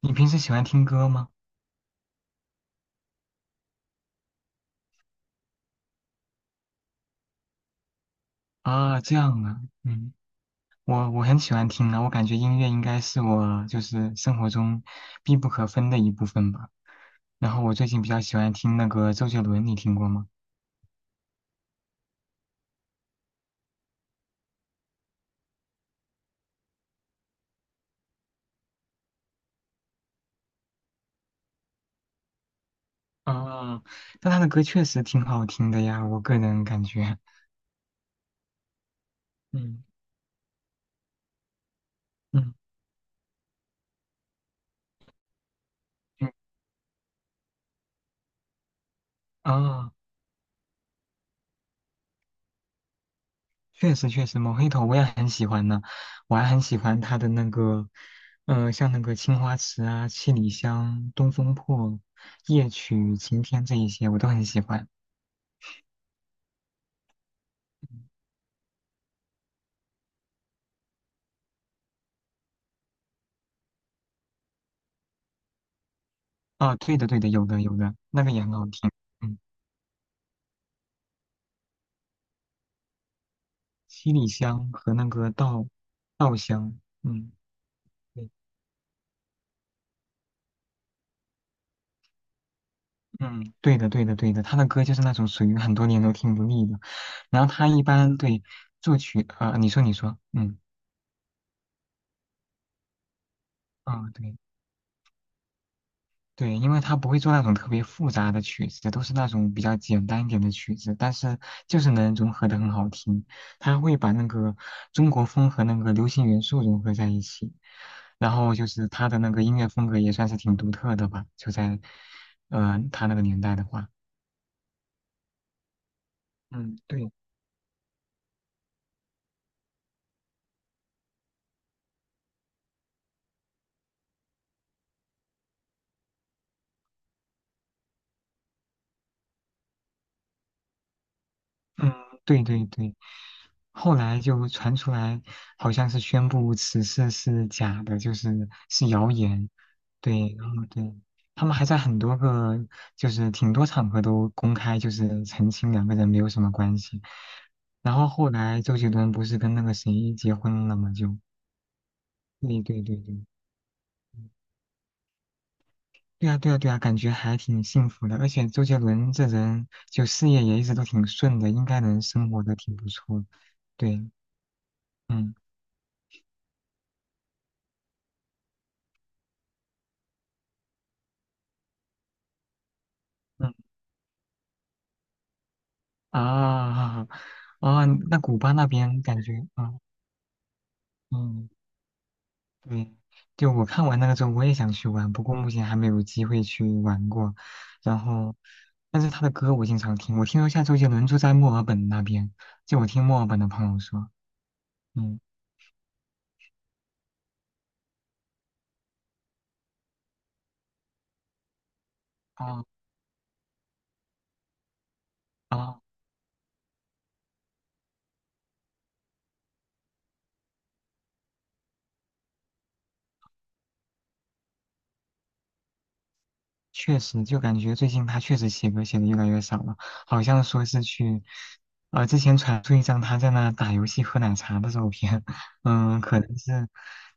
你平时喜欢听歌吗？啊，这样啊，嗯，我很喜欢听啊，我感觉音乐应该是我就是生活中必不可分的一部分吧。然后我最近比较喜欢听那个周杰伦，你听过吗？啊，但他的歌确实挺好听的呀，我个人感觉。 嗯嗯嗯，啊，确实确实，《某黑头》我也很喜欢呢，我还很喜欢他的那个，像那个《青花瓷》啊，《七里香》《东风破》《夜曲》《晴天》这一些，我都很喜欢。啊，对的对的，有的有的，那个也很好听。嗯，七里香和那个稻香，嗯。对嗯，对的，对的，对的，他的歌就是那种属于很多年都听不腻的。然后他一般对作曲，你说，你说，嗯，啊，对。对，因为他不会做那种特别复杂的曲子，都是那种比较简单一点的曲子，但是就是能融合的很好听。他会把那个中国风和那个流行元素融合在一起，然后就是他的那个音乐风格也算是挺独特的吧，就在，他那个年代的话，嗯，对，嗯，对对对，后来就传出来，好像是宣布此事是假的，就是是谣言。对，然后对，他们还在很多个，就是挺多场合都公开，就是澄清两个人没有什么关系。然后后来周杰伦不是跟那个谁结婚了嘛？就对对对对，嗯对啊对啊对啊，感觉还挺幸福的。而且周杰伦这人就事业也一直都挺顺的，应该能生活的挺不错。对，嗯嗯。啊啊，那古巴那边感觉啊，嗯嗯，对，就我看完那个之后，我也想去玩，不过目前还没有机会去玩过。然后，但是他的歌我经常听，我听说下周杰伦住在墨尔本那边，就我听墨尔本的朋友说，嗯，啊哦确实，就感觉最近他确实写歌写的越来越少了，好像说是去，之前传出一张他在那打游戏喝奶茶的照片，嗯，可能是，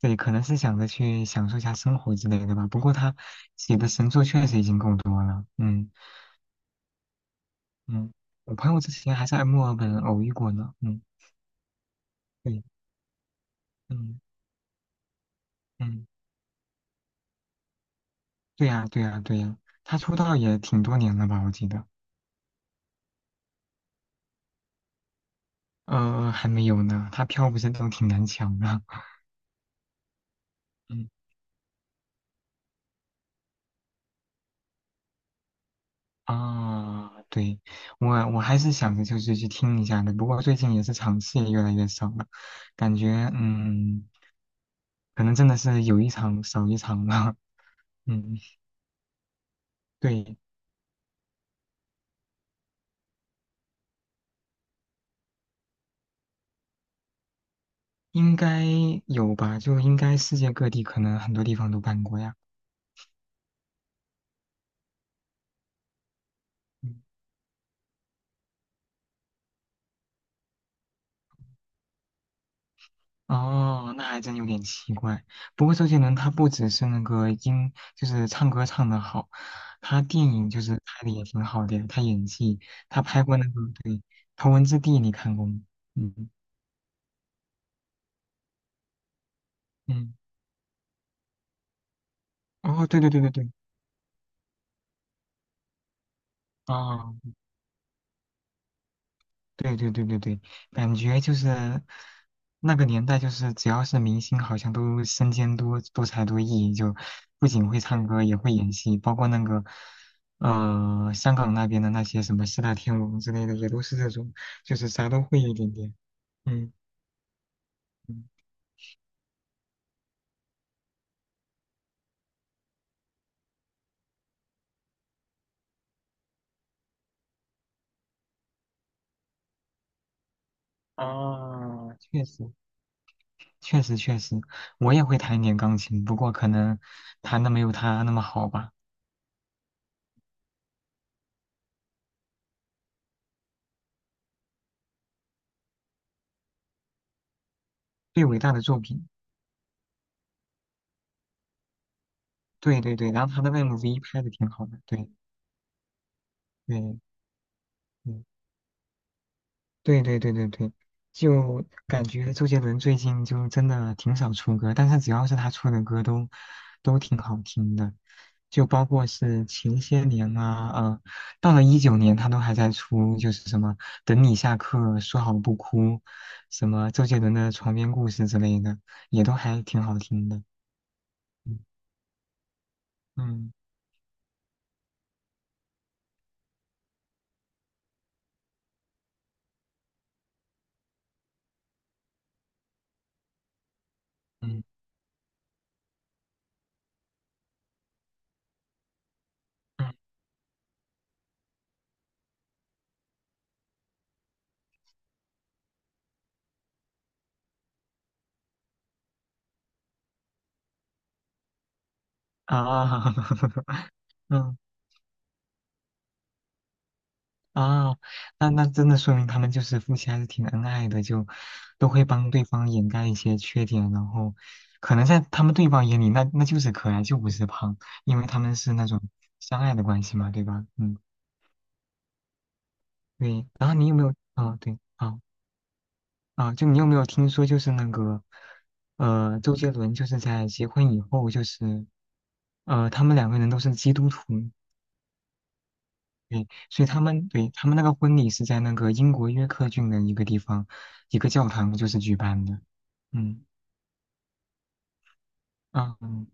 对，可能是想着去享受一下生活之类的吧。不过他写的神作确实已经够多了，嗯嗯，我朋友之前还在墨尔本偶遇过呢，嗯，对，嗯嗯，对呀对呀对呀，他出道也挺多年了吧，我记得，还没有呢，他票不是都挺难抢的，嗯。啊，对，我还是想着就是去听一下的，不过最近也是场次也越来越少了，感觉嗯，可能真的是有一场少一场了，嗯，对，应该有吧，就应该世界各地可能很多地方都办过呀。嗯哦，那还真有点奇怪。不过周杰伦他不只是那个音，就是唱歌唱得好，他电影就是拍的也挺好的呀，他演技，他拍过那个对《头文字 D》，你看过吗？嗯。嗯，哦，对对对对对，啊、对对对对对，感觉就是那个年代，就是只要是明星，好像都身兼多多才多艺，就不仅会唱歌，也会演戏，包括那个香港那边的那些什么四大天王之类的，也都是这种，就是啥都会一点点。嗯嗯，啊，确实确实确实，我也会弹一点钢琴，不过可能弹的没有他那么好吧。最伟大的作品。对对对，然后他的 MV 拍的挺好的，对对嗯，对对对对对，就感觉周杰伦最近就真的挺少出歌，但是只要是他出的歌都都挺好听的，就包括是前些年啊，到了19年他都还在出，就是什么等你下课说好不哭，什么周杰伦的床边故事之类的，也都还挺好听的，嗯嗯嗯嗯啊，嗯啊，那那真的说明他们就是夫妻还是挺恩爱的，就都会帮对方掩盖一些缺点，然后可能在他们对方眼里，那那就是可爱，就不是胖，因为他们是那种相爱的关系嘛，对吧？嗯，对。然后你有没有？啊，对，啊啊，就你有没有听说就是那个，周杰伦就是在结婚以后就是，他们两个人都是基督徒，对，所以他们对他们那个婚礼是在那个英国约克郡的一个地方，一个教堂就是举办的。嗯啊嗯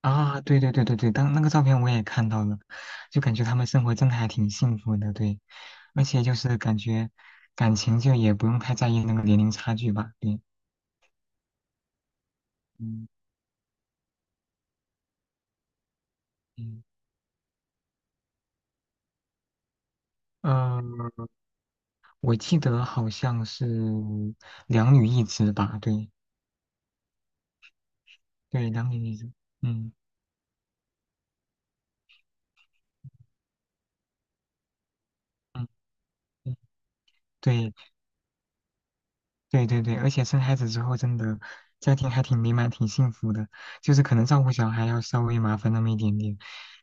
啊，对对对对对，当那个照片我也看到了，就感觉他们生活真的还挺幸福的，对，而且就是感觉感情就也不用太在意那个年龄差距吧，对，嗯嗯呃，我记得好像是两女一子吧，对对，两女一子，嗯嗯嗯，对。对对对，而且生孩子之后，真的家庭还挺美满、挺幸福的。就是可能照顾小孩要稍微麻烦那么一点点，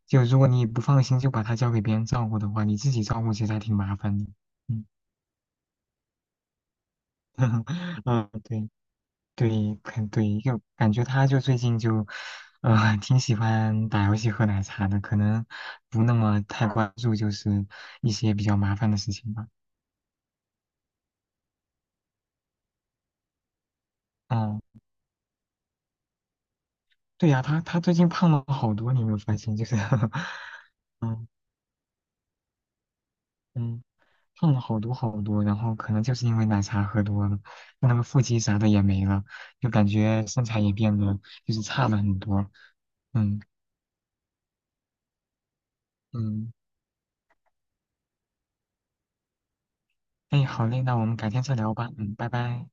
就如果你不放心，就把他交给别人照顾的话，你自己照顾其实还挺麻烦的。嗯，嗯，对对，肯对，就感觉他就最近就，挺喜欢打游戏、喝奶茶的，可能不那么太关注就是一些比较麻烦的事情吧。嗯，对呀，他最近胖了好多，你有没有发现？就是 嗯嗯。胖了好多好多，然后可能就是因为奶茶喝多了，那那个腹肌啥的也没了，就感觉身材也变得就是差了很多。嗯嗯，哎，好嘞，那我们改天再聊吧。嗯，拜拜。